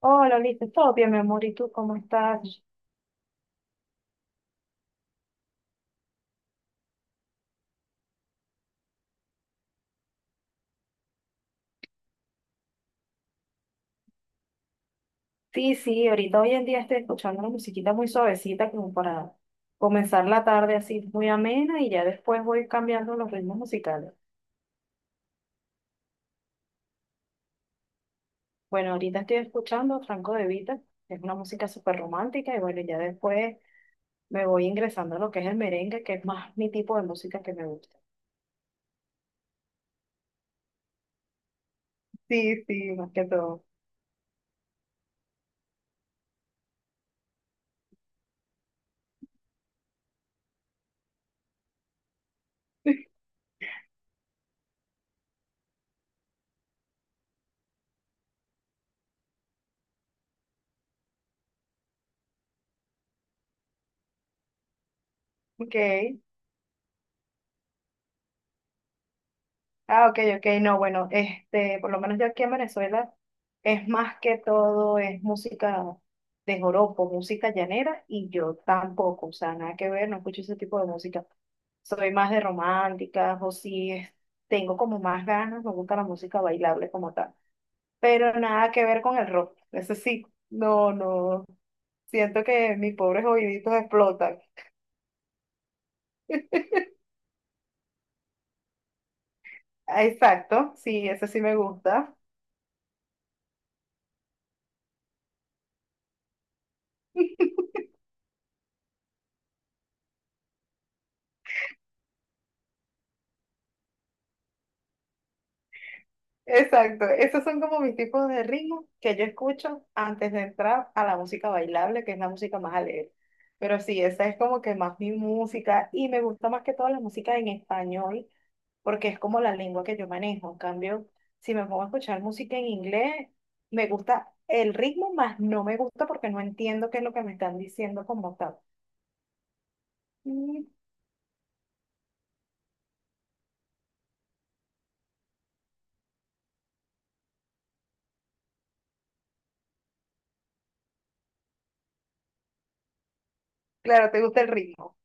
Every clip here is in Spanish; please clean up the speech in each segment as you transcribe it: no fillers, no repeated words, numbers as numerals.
Hola, listo, todo bien, mi amor, ¿y tú cómo estás? Sí, sí, ahorita hoy en día estoy escuchando una musiquita muy suavecita como para comenzar la tarde así muy amena y ya después voy cambiando los ritmos musicales. Bueno, ahorita estoy escuchando Franco De Vita, que es una música súper romántica y bueno, ya después me voy ingresando a lo que es el merengue, que es más mi tipo de música que me gusta. Sí, sí, más que todo. Ok. Ah, ok, ok, no, bueno, por lo menos yo aquí en Venezuela es más que todo, es música de joropo, música llanera, y yo tampoco, o sea, nada que ver, no escucho ese tipo de música. Soy más de románticas, o si es- tengo como más ganas, me gusta la música bailable como tal, pero nada que ver con el rock, eso sí, no, no, siento que mis pobres oíditos explotan. Ah, exacto, sí, ese sí me gusta. Exacto, esos son como mis tipos de ritmos que yo escucho antes de entrar a la música bailable, que es la música más alegre. Pero sí, esa es como que más mi música y me gusta más que todo la música en español porque es como la lengua que yo manejo. En cambio, si me pongo a escuchar música en inglés, me gusta el ritmo, más no me gusta porque no entiendo qué es lo que me están diciendo como tal. Mm. Claro, te gusta el ritmo.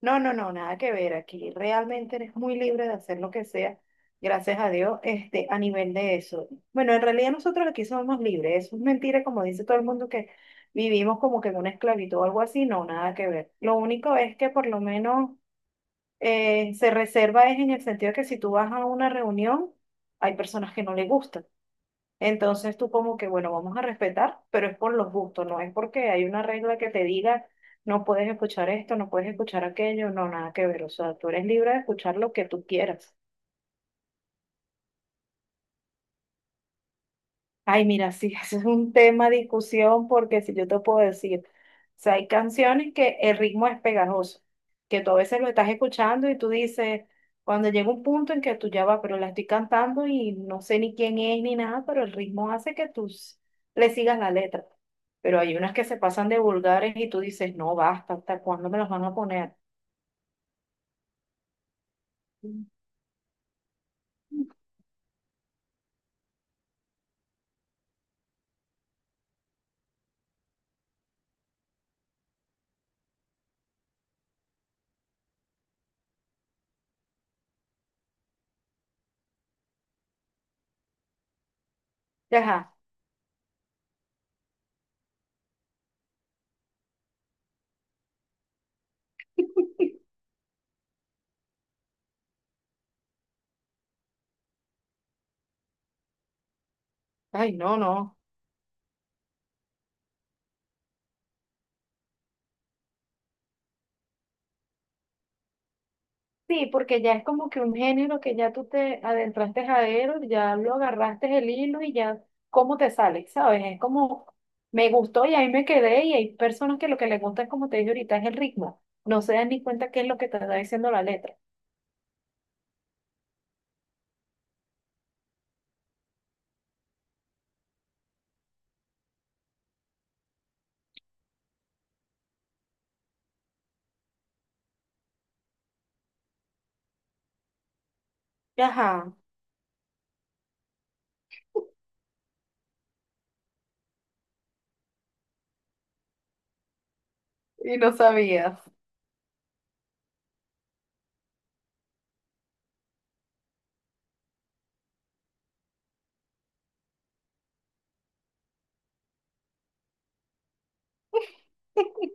No, no, no, nada que ver. Aquí realmente eres muy libre de hacer lo que sea, gracias a Dios, a nivel de eso. Bueno, en realidad nosotros aquí somos libres. Eso es mentira, como dice todo el mundo, que vivimos como que en una esclavitud o algo así. No, nada que ver. Lo único es que por lo menos se reserva es en el sentido de que si tú vas a una reunión, hay personas que no le gustan. Entonces tú como que, bueno, vamos a respetar, pero es por los gustos, no es porque hay una regla que te diga, no puedes escuchar esto, no puedes escuchar aquello, no, nada que ver. O sea, tú eres libre de escuchar lo que tú quieras. Ay, mira, sí, ese es un tema de discusión porque si yo te puedo decir, o sea, hay canciones que el ritmo es pegajoso, que tú a veces lo estás escuchando y tú dices, cuando llega un punto en que tú ya vas, pero la estoy cantando y no sé ni quién es ni nada, pero el ritmo hace que le sigas la letra. Pero hay unas que se pasan de vulgares y tú dices, no, basta, ¿hasta cuándo me las van a poner? Mm. Ajá, ay, no, no. Sí, porque ya es como que un género que ya tú te adentraste a él, ya lo agarraste el hilo y ya cómo te sale, ¿sabes? Es como, me gustó y ahí me quedé y hay personas que lo que les gusta es como te dije ahorita, es el ritmo. No se dan ni cuenta qué es lo que te está diciendo la letra. Ajá, y no sabías.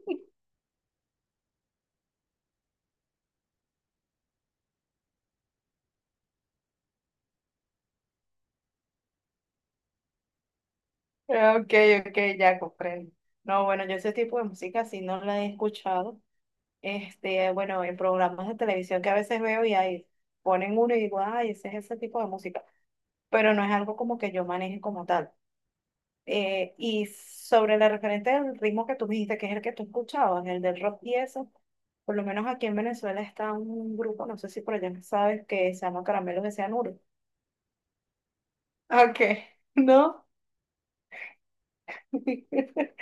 Ok, ok, ya comprendo. No, bueno, yo ese tipo de música sí no la he escuchado. Bueno, en programas de televisión que a veces veo y ahí ponen uno y digo, ay, ese es ese tipo de música, pero no es algo como que yo maneje como tal. Y sobre la referente del ritmo que tú me dijiste, que es el que tú escuchabas, el del rock y eso, por lo menos aquí en Venezuela está un grupo, no sé si por allá sabes, que se llama Caramelos de Cianuro. Ok, ¿no?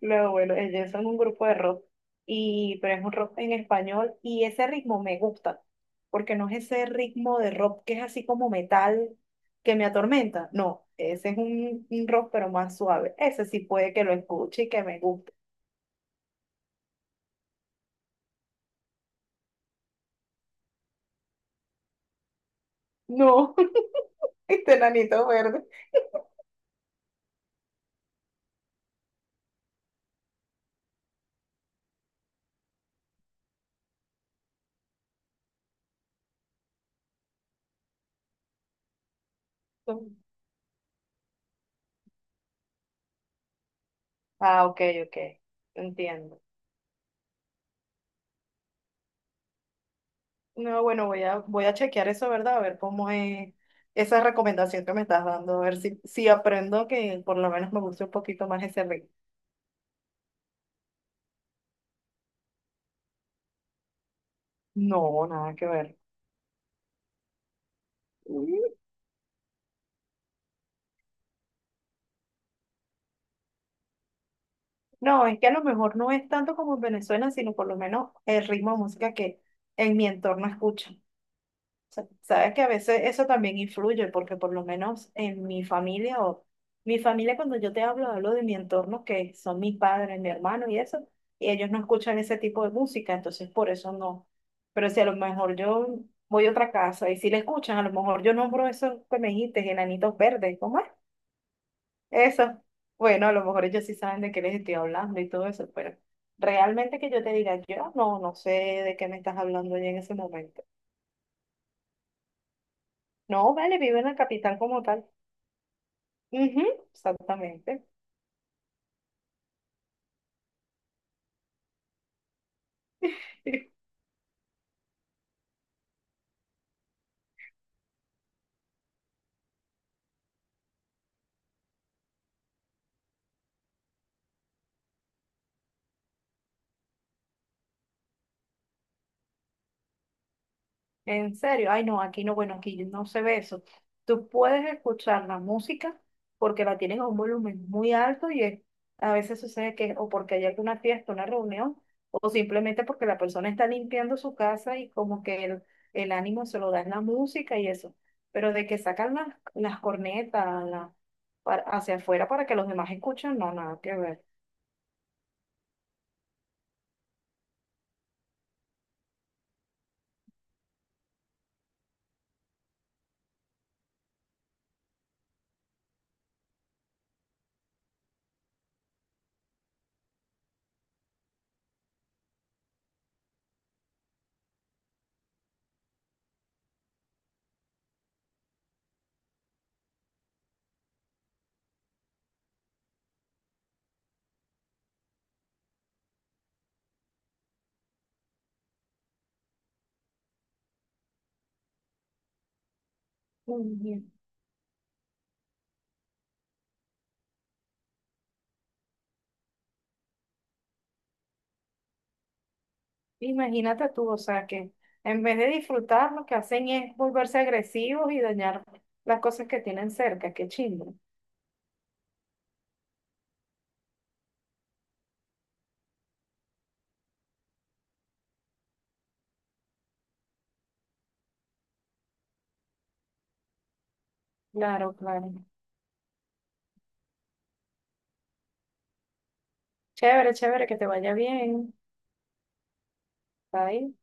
No, bueno, ellos son un grupo de rock, y, pero es un rock en español y ese ritmo me gusta, porque no es ese ritmo de rock que es así como metal que me atormenta. No, ese es un rock pero más suave. Ese sí puede que lo escuche y que me guste. No, este nanito verde. Ah, ok, ok, entiendo. No, bueno, voy a chequear eso, ¿verdad? A ver cómo es esa recomendación que me estás dando, a ver si, si aprendo que por lo menos me guste un poquito más ese ritmo. No, nada que ver. Mm. No, es que a lo mejor no es tanto como en Venezuela, sino por lo menos el ritmo de música que en mi entorno escuchan. O sea, sabes que a veces eso también influye, porque por lo menos en mi familia o mi familia, cuando yo te hablo, hablo de mi entorno, que son mis padres, mi hermano y eso, y ellos no escuchan ese tipo de música, entonces por eso no. Pero si a lo mejor yo voy a otra casa y si le escuchan, a lo mejor yo nombro eso que me dijiste, enanitos verdes, ¿cómo es? Eso. Bueno, a lo mejor ellos sí saben de qué les estoy hablando y todo eso, pero realmente que yo te diga, yo no, no sé de qué me estás hablando ya en ese momento. No, vale, vive en la capital como tal. Ujú, exactamente. En serio, ay no, aquí no, bueno, aquí no se ve eso. Tú puedes escuchar la música porque la tienen a un volumen muy alto y a veces sucede que o porque hay alguna fiesta, una reunión, o simplemente porque la persona está limpiando su casa y como que el ánimo se lo da en la música y eso. Pero de que sacan las cornetas hacia afuera para que los demás escuchen, no, nada que ver. Ujú. Imagínate tú, o sea, que en vez de disfrutar, lo que hacen es volverse agresivos y dañar las cosas que tienen cerca. Qué chingo. Claro, claro. Chévere, chévere, que te vaya bien. Bye.